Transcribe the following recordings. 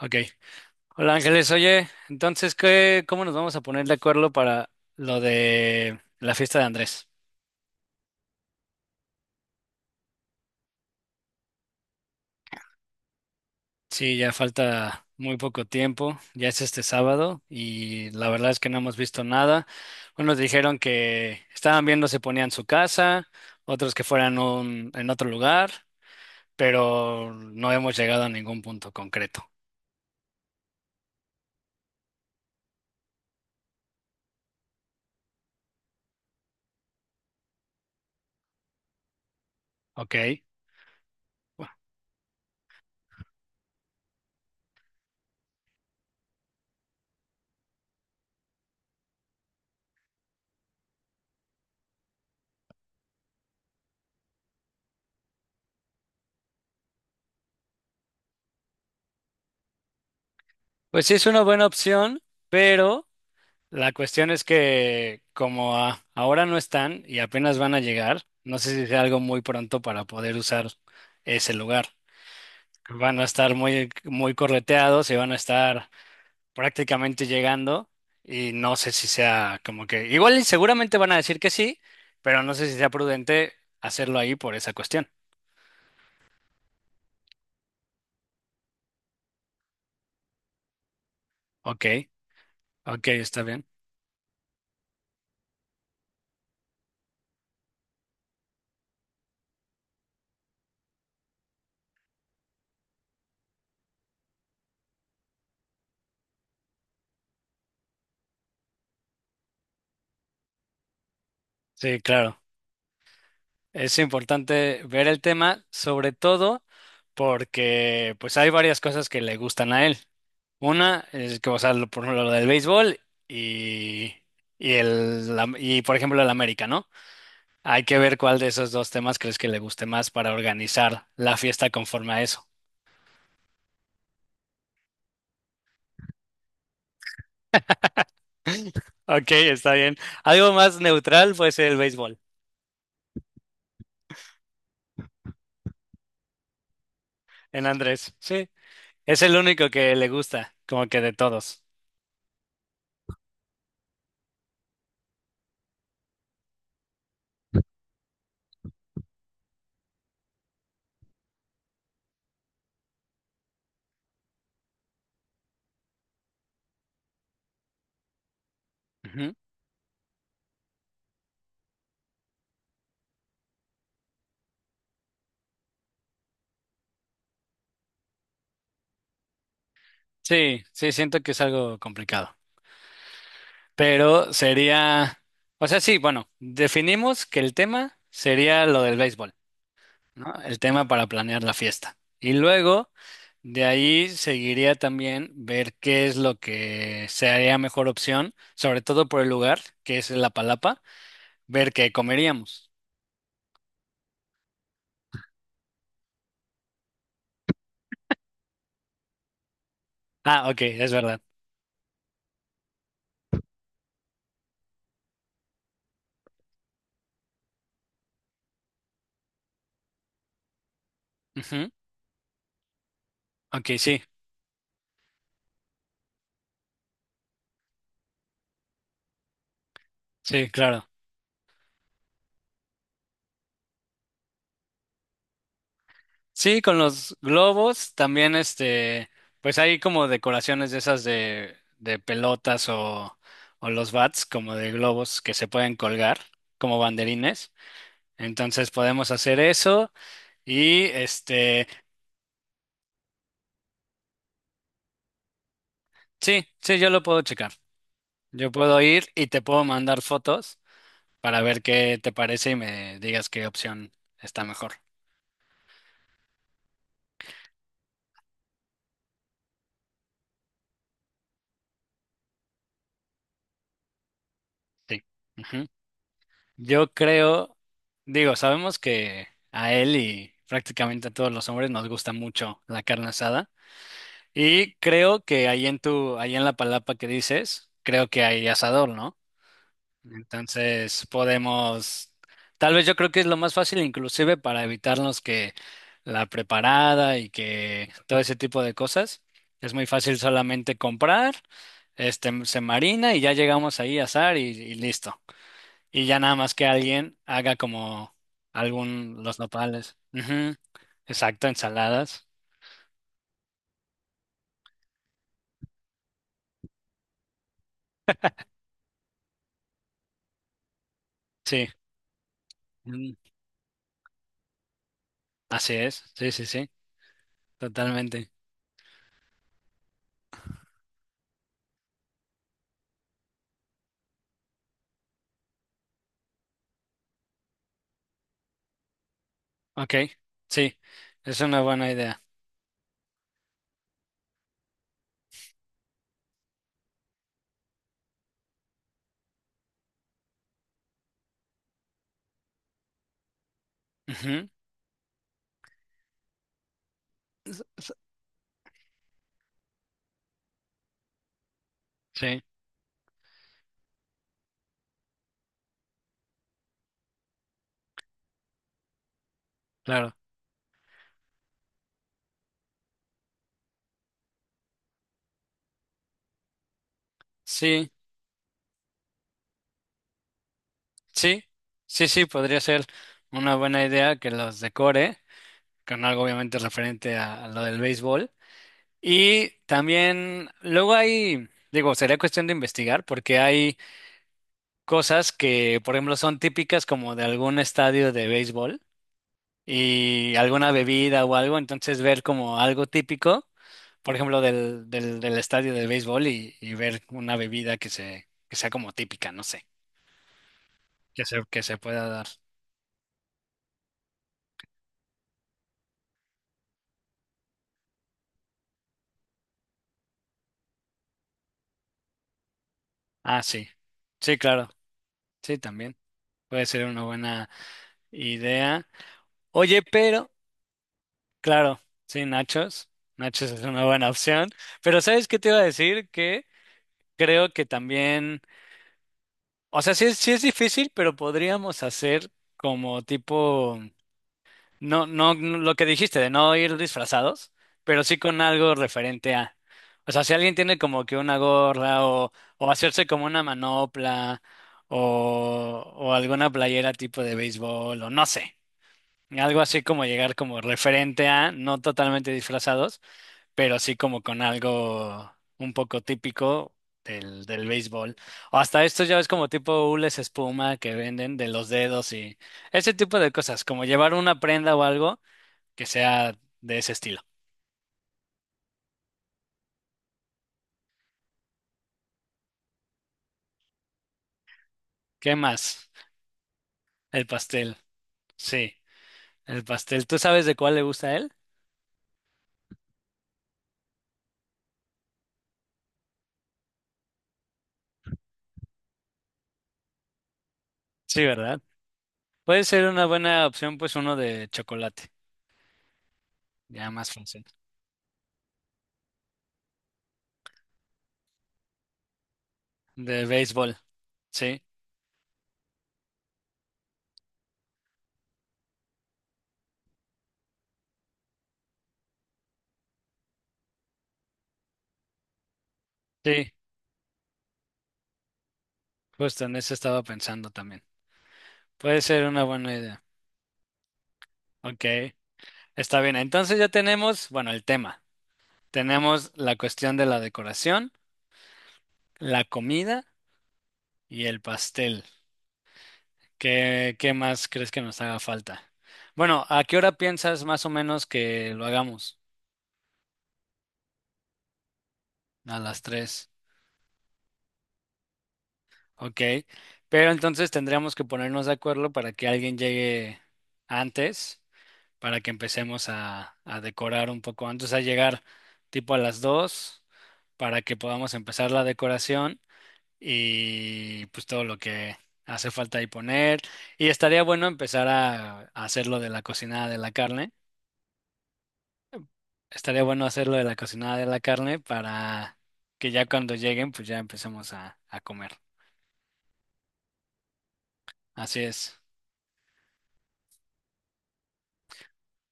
Ok. Hola Ángeles, oye, entonces, ¿qué, cómo nos vamos a poner de acuerdo para lo de la fiesta de Andrés? Sí, ya falta muy poco tiempo, ya es este sábado y la verdad es que no hemos visto nada. Unos dijeron que estaban viendo si ponían su casa, otros que fueran en otro lugar, pero no hemos llegado a ningún punto concreto. Ok. Bueno, pues sí es una buena opción, pero. La cuestión es que como ahora no están y apenas van a llegar, no sé si sea algo muy pronto para poder usar ese lugar. Van a estar muy, muy correteados y van a estar prácticamente llegando y no sé si sea como que igual y seguramente van a decir que sí, pero no sé si sea prudente hacerlo ahí por esa cuestión. Ok, ok, está bien. Sí, claro. Es importante ver el tema, sobre todo porque pues hay varias cosas que le gustan a él. Una es que, o sea, por ejemplo, lo del béisbol y, y, por ejemplo, el América, ¿no? Hay que ver cuál de esos dos temas crees que le guste más para organizar la fiesta conforme a eso. Ok, está bien. Algo más neutral puede ser el béisbol, en Andrés. Sí, es el único que le gusta, como que de todos. Ujú. Sí, sí, siento que es algo complicado. Pero sería, o sea, sí, bueno, definimos que el tema sería lo del béisbol, ¿no? El tema para planear la fiesta. Y luego, de ahí seguiría también ver qué es lo que sería mejor opción, sobre todo por el lugar, que es la Palapa, ver qué comeríamos. Ah, ok, es verdad. Ujú. Ok, sí, sí, claro. Sí, con los globos también, este, pues hay como decoraciones de esas de pelotas o los bats como de globos que se pueden colgar como banderines. Entonces podemos hacer eso y este, sí, sí, yo lo puedo checar. Yo puedo ir y te puedo mandar fotos para ver qué te parece y me digas qué opción está mejor. Sí. Ujú. Yo creo, digo, sabemos que a él y prácticamente a todos los hombres nos gusta mucho la carne asada. Y creo que ahí en la palapa que dices, creo que hay asador, ¿no? Entonces podemos, tal vez yo creo que es lo más fácil, inclusive para evitarnos que la preparada y que todo ese tipo de cosas. Es muy fácil solamente comprar, este, se marina y ya llegamos ahí a asar y listo. Y ya nada más que alguien haga como los nopales. Ujú, exacto, ensaladas. Sí, mm, así es. Sí, sí, sí, totalmente. Ok, sí, es una buena idea. Ujú, s- s- sí, claro. Sí, sí, sí, sí, podría ser una buena idea que los decore con algo obviamente referente a, lo del béisbol. Y también, luego hay, digo, sería cuestión de investigar porque hay cosas que, por ejemplo, son típicas como de algún estadio de béisbol y alguna bebida o algo, entonces ver como algo típico, por ejemplo, del estadio de béisbol y ver una bebida que sea como típica, no sé, que se pueda dar. Ah, sí. Sí, claro. Sí, también. Puede ser una buena idea. Oye, pero, claro, sí, nachos. Nachos es una buena opción. Pero ¿sabes qué te iba a decir? Que creo que también, o sea, sí es difícil, pero podríamos hacer como tipo, no, no, no, lo que dijiste de no ir disfrazados, pero sí con algo referente a. O sea, si alguien tiene como que una gorra o, hacerse como una manopla o, alguna playera tipo de béisbol o no sé, algo así como llegar como referente a, no totalmente disfrazados pero sí como con algo un poco típico del béisbol. O hasta estos ya ves como tipo hules espuma que venden de los dedos y ese tipo de cosas, como llevar una prenda o algo que sea de ese estilo. ¿Qué más? El pastel. Sí, el pastel. ¿Tú sabes de cuál le gusta a él? Sí, ¿verdad? Puede ser una buena opción, pues uno de chocolate, ya más fácil. De béisbol, sí, sí, justo en eso estaba pensando también. Puede ser una buena idea. Ok. Está bien, entonces ya tenemos, bueno, el tema. Tenemos la cuestión de la decoración, la comida y el pastel. ¿Qué más crees que nos haga falta? Bueno, ¿a qué hora piensas más o menos que lo hagamos? A las 3, ok. Pero entonces tendríamos que ponernos de acuerdo para que alguien llegue antes, para que empecemos a decorar un poco antes, a llegar tipo a las 2, para que podamos empezar la decoración. Y pues todo lo que hace falta ahí poner. Y estaría bueno empezar a hacer lo de la cocinada de la carne. Estaría bueno hacer lo de la cocinada de la carne para que ya cuando lleguen, pues ya empecemos a comer. Así es.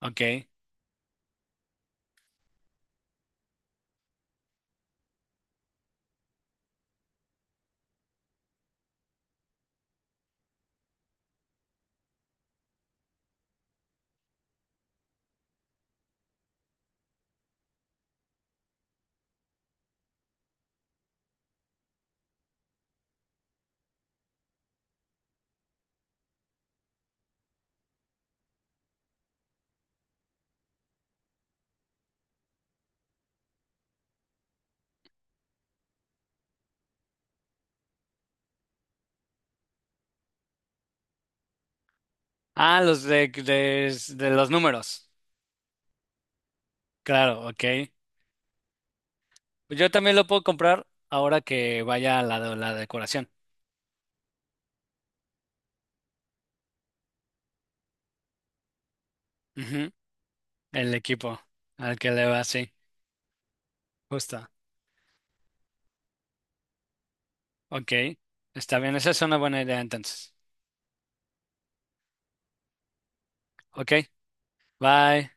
Ok. Ah, los de los números. Claro, ok. Pues yo también lo puedo comprar ahora que vaya la decoración. Ujú. El equipo al que le va, sí. Justo. Ok. Está bien, esa es una buena idea entonces. Ok, bye.